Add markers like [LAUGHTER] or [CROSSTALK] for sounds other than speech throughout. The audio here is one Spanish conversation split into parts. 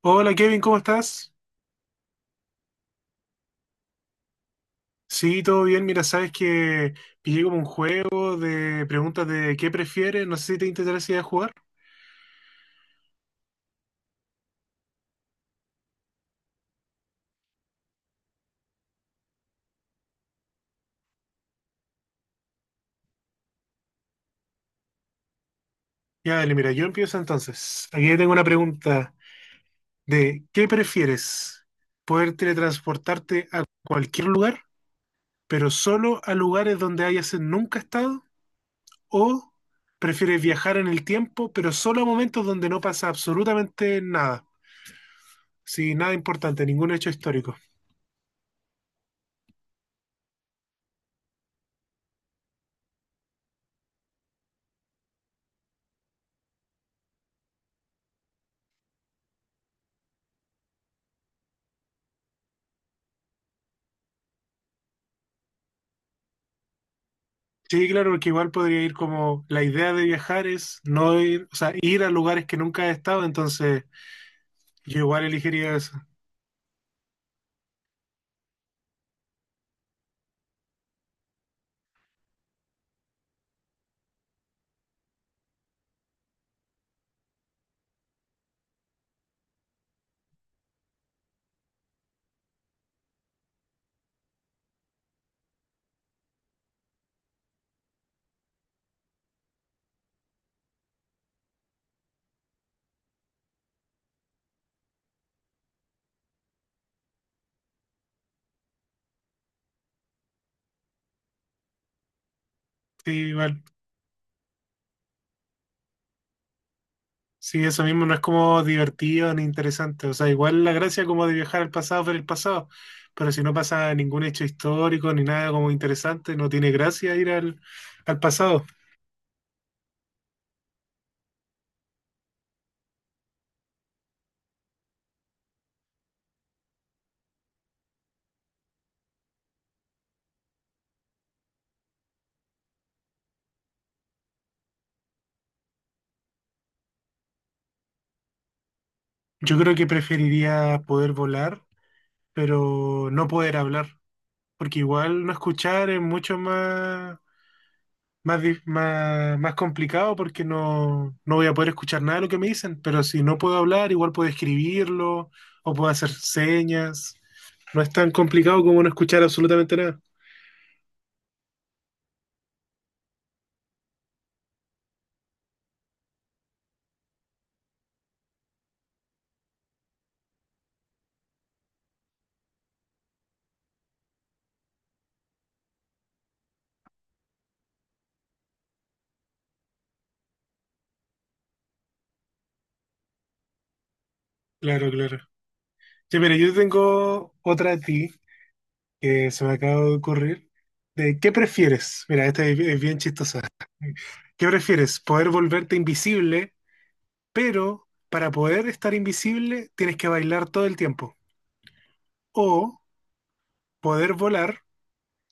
Hola Kevin, ¿cómo estás? Sí, todo bien. Mira, sabes que pillé como un juego de preguntas de qué prefieres. No sé si te interesaría jugar. Ya, dale, mira, yo empiezo entonces. Aquí tengo una pregunta de ¿qué prefieres? ¿Poder teletransportarte a cualquier lugar, pero solo a lugares donde hayas nunca estado? ¿O prefieres viajar en el tiempo, pero solo a momentos donde no pasa absolutamente nada? Sí, nada importante, ningún hecho histórico. Sí, claro, porque igual podría ir como la idea de viajar es no ir, o sea, ir a lugares que nunca he estado, entonces yo igual elegiría eso. Sí, igual. Sí, eso mismo no es como divertido ni interesante. O sea, igual la gracia como de viajar al pasado, ver el pasado, pero si no pasa ningún hecho histórico ni nada como interesante, no tiene gracia ir al pasado. Yo creo que preferiría poder volar, pero no poder hablar, porque igual no escuchar es mucho más más, más, más complicado porque no voy a poder escuchar nada de lo que me dicen, pero si no puedo hablar, igual puedo escribirlo o puedo hacer señas. No es tan complicado como no escuchar absolutamente nada. Claro, claro. Ya, mira, yo tengo otra de ti que se me acaba de ocurrir. De, ¿qué prefieres? Mira, esta es bien chistosa. ¿Qué prefieres? ¿Poder volverte invisible, pero para poder estar invisible tienes que bailar todo el tiempo? ¿O poder volar?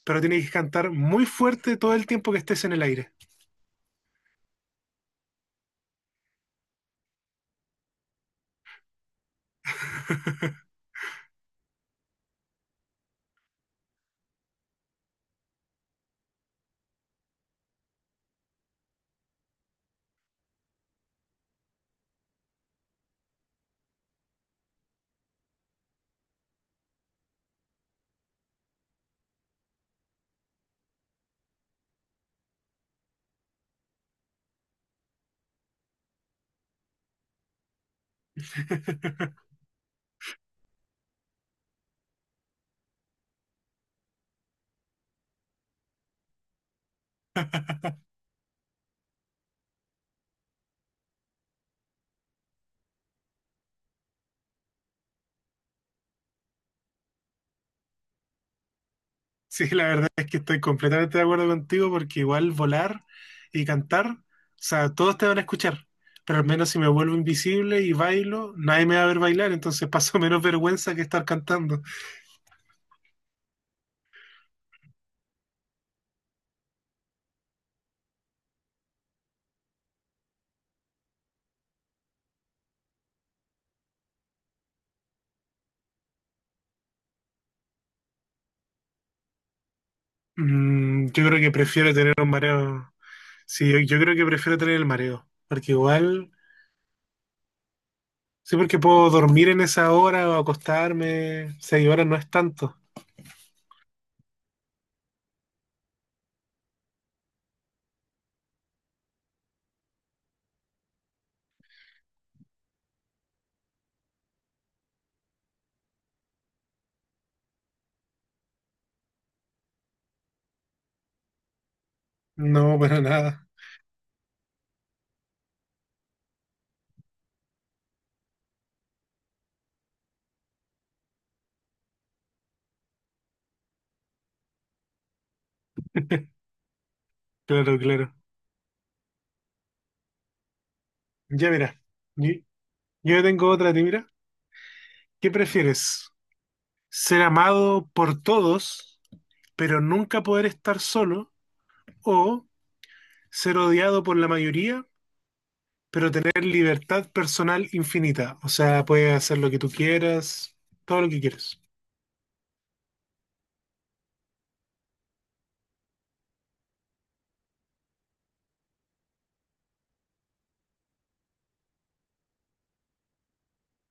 Pero tienes que cantar muy fuerte todo el tiempo que estés en el aire. [LAUGHS] Sí, la verdad es que estoy completamente de acuerdo contigo porque igual volar y cantar, o sea, todos te van a escuchar, pero al menos si me vuelvo invisible y bailo, nadie me va a ver bailar, entonces [LAUGHS] paso menos vergüenza que estar cantando. Mm, yo creo que prefiero tener un mareo. Sí, yo creo que prefiero tener el mareo, porque igual, sí, porque puedo dormir en esa hora o acostarme, seis horas no es tanto. No, para nada. Claro, claro. Ya mira, yo, yo tengo otra, de ti, mira. ¿Qué prefieres? ¿Ser amado por todos, pero nunca poder estar solo? ¿O ser odiado por la mayoría, pero tener libertad personal infinita? O sea, puedes hacer lo que tú quieras, todo lo que quieras.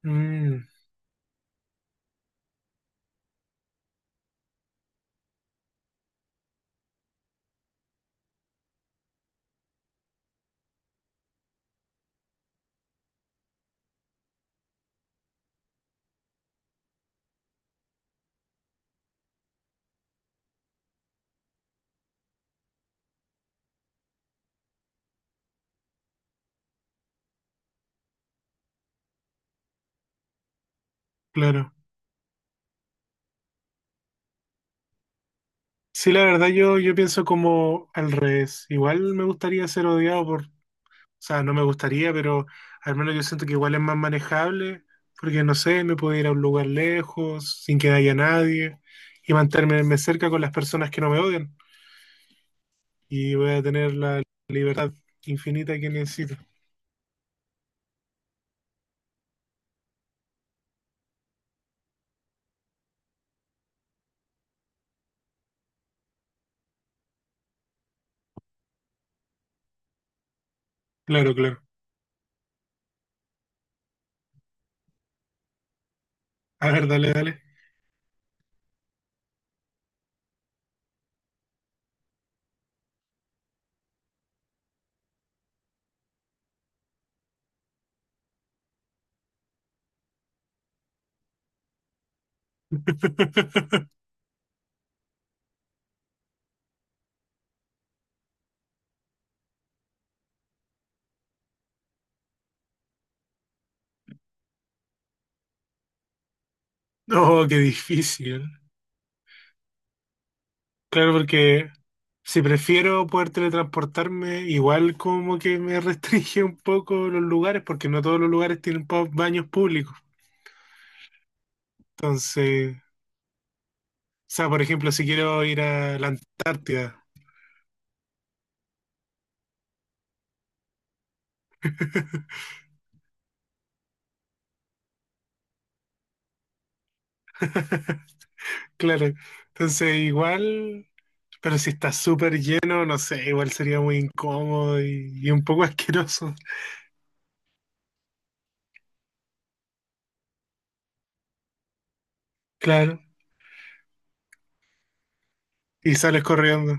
Mm, claro. Sí, la verdad yo pienso como al revés. Igual me gustaría ser odiado por... O sea, no me gustaría, pero al menos yo siento que igual es más manejable, porque no sé, me puedo ir a un lugar lejos, sin que haya nadie, y mantenerme cerca con las personas que no me odian, y voy a tener la libertad infinita que necesito. Claro, claro. A ver, dale, dale. [LAUGHS] No, qué difícil. Claro, porque si prefiero poder teletransportarme, igual como que me restringe un poco los lugares, porque no todos los lugares tienen baños públicos. Entonces, sea, por ejemplo, si quiero ir a la Antártida. [LAUGHS] Claro. Entonces, igual, pero si está súper lleno, no sé, igual sería muy incómodo y un poco [LAUGHS] asqueroso. Claro. Y sales corriendo.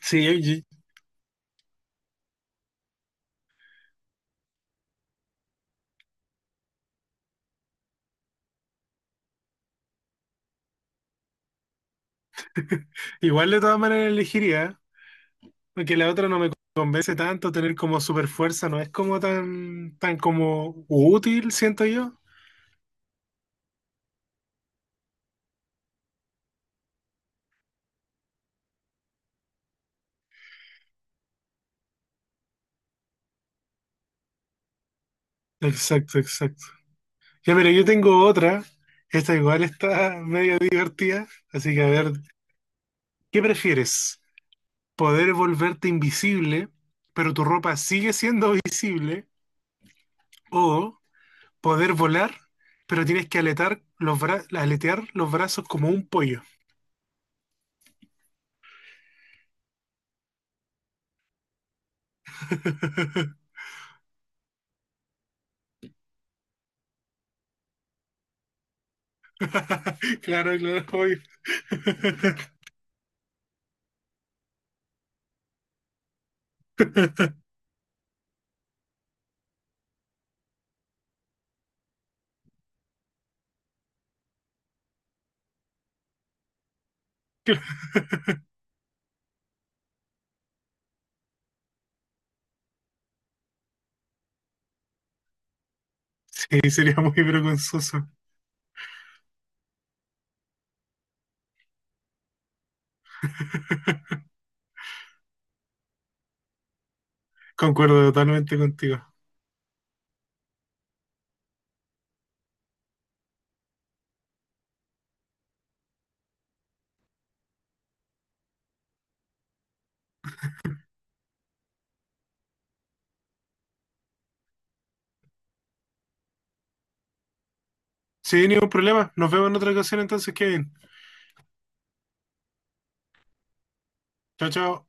Sí, [LAUGHS] igual de todas maneras elegiría, porque la otra no me convence tanto, tener como super fuerza no es como tan, tan como útil, siento yo. Exacto, exacto. Ya, mira, yo tengo otra. Esta igual está [LAUGHS] medio divertida, así que a ver, ¿qué prefieres? ¿Poder volverte invisible, pero tu ropa sigue siendo [LAUGHS] visible? ¿O poder volar, pero tienes que aletear los brazos como un pollo? [LAUGHS] Claro, claro, obvio. [LAUGHS] Sí, sería muy vergonzoso. Concuerdo totalmente contigo. Sí, ningún problema. Nos vemos en otra ocasión entonces, Kevin. Chao, chao.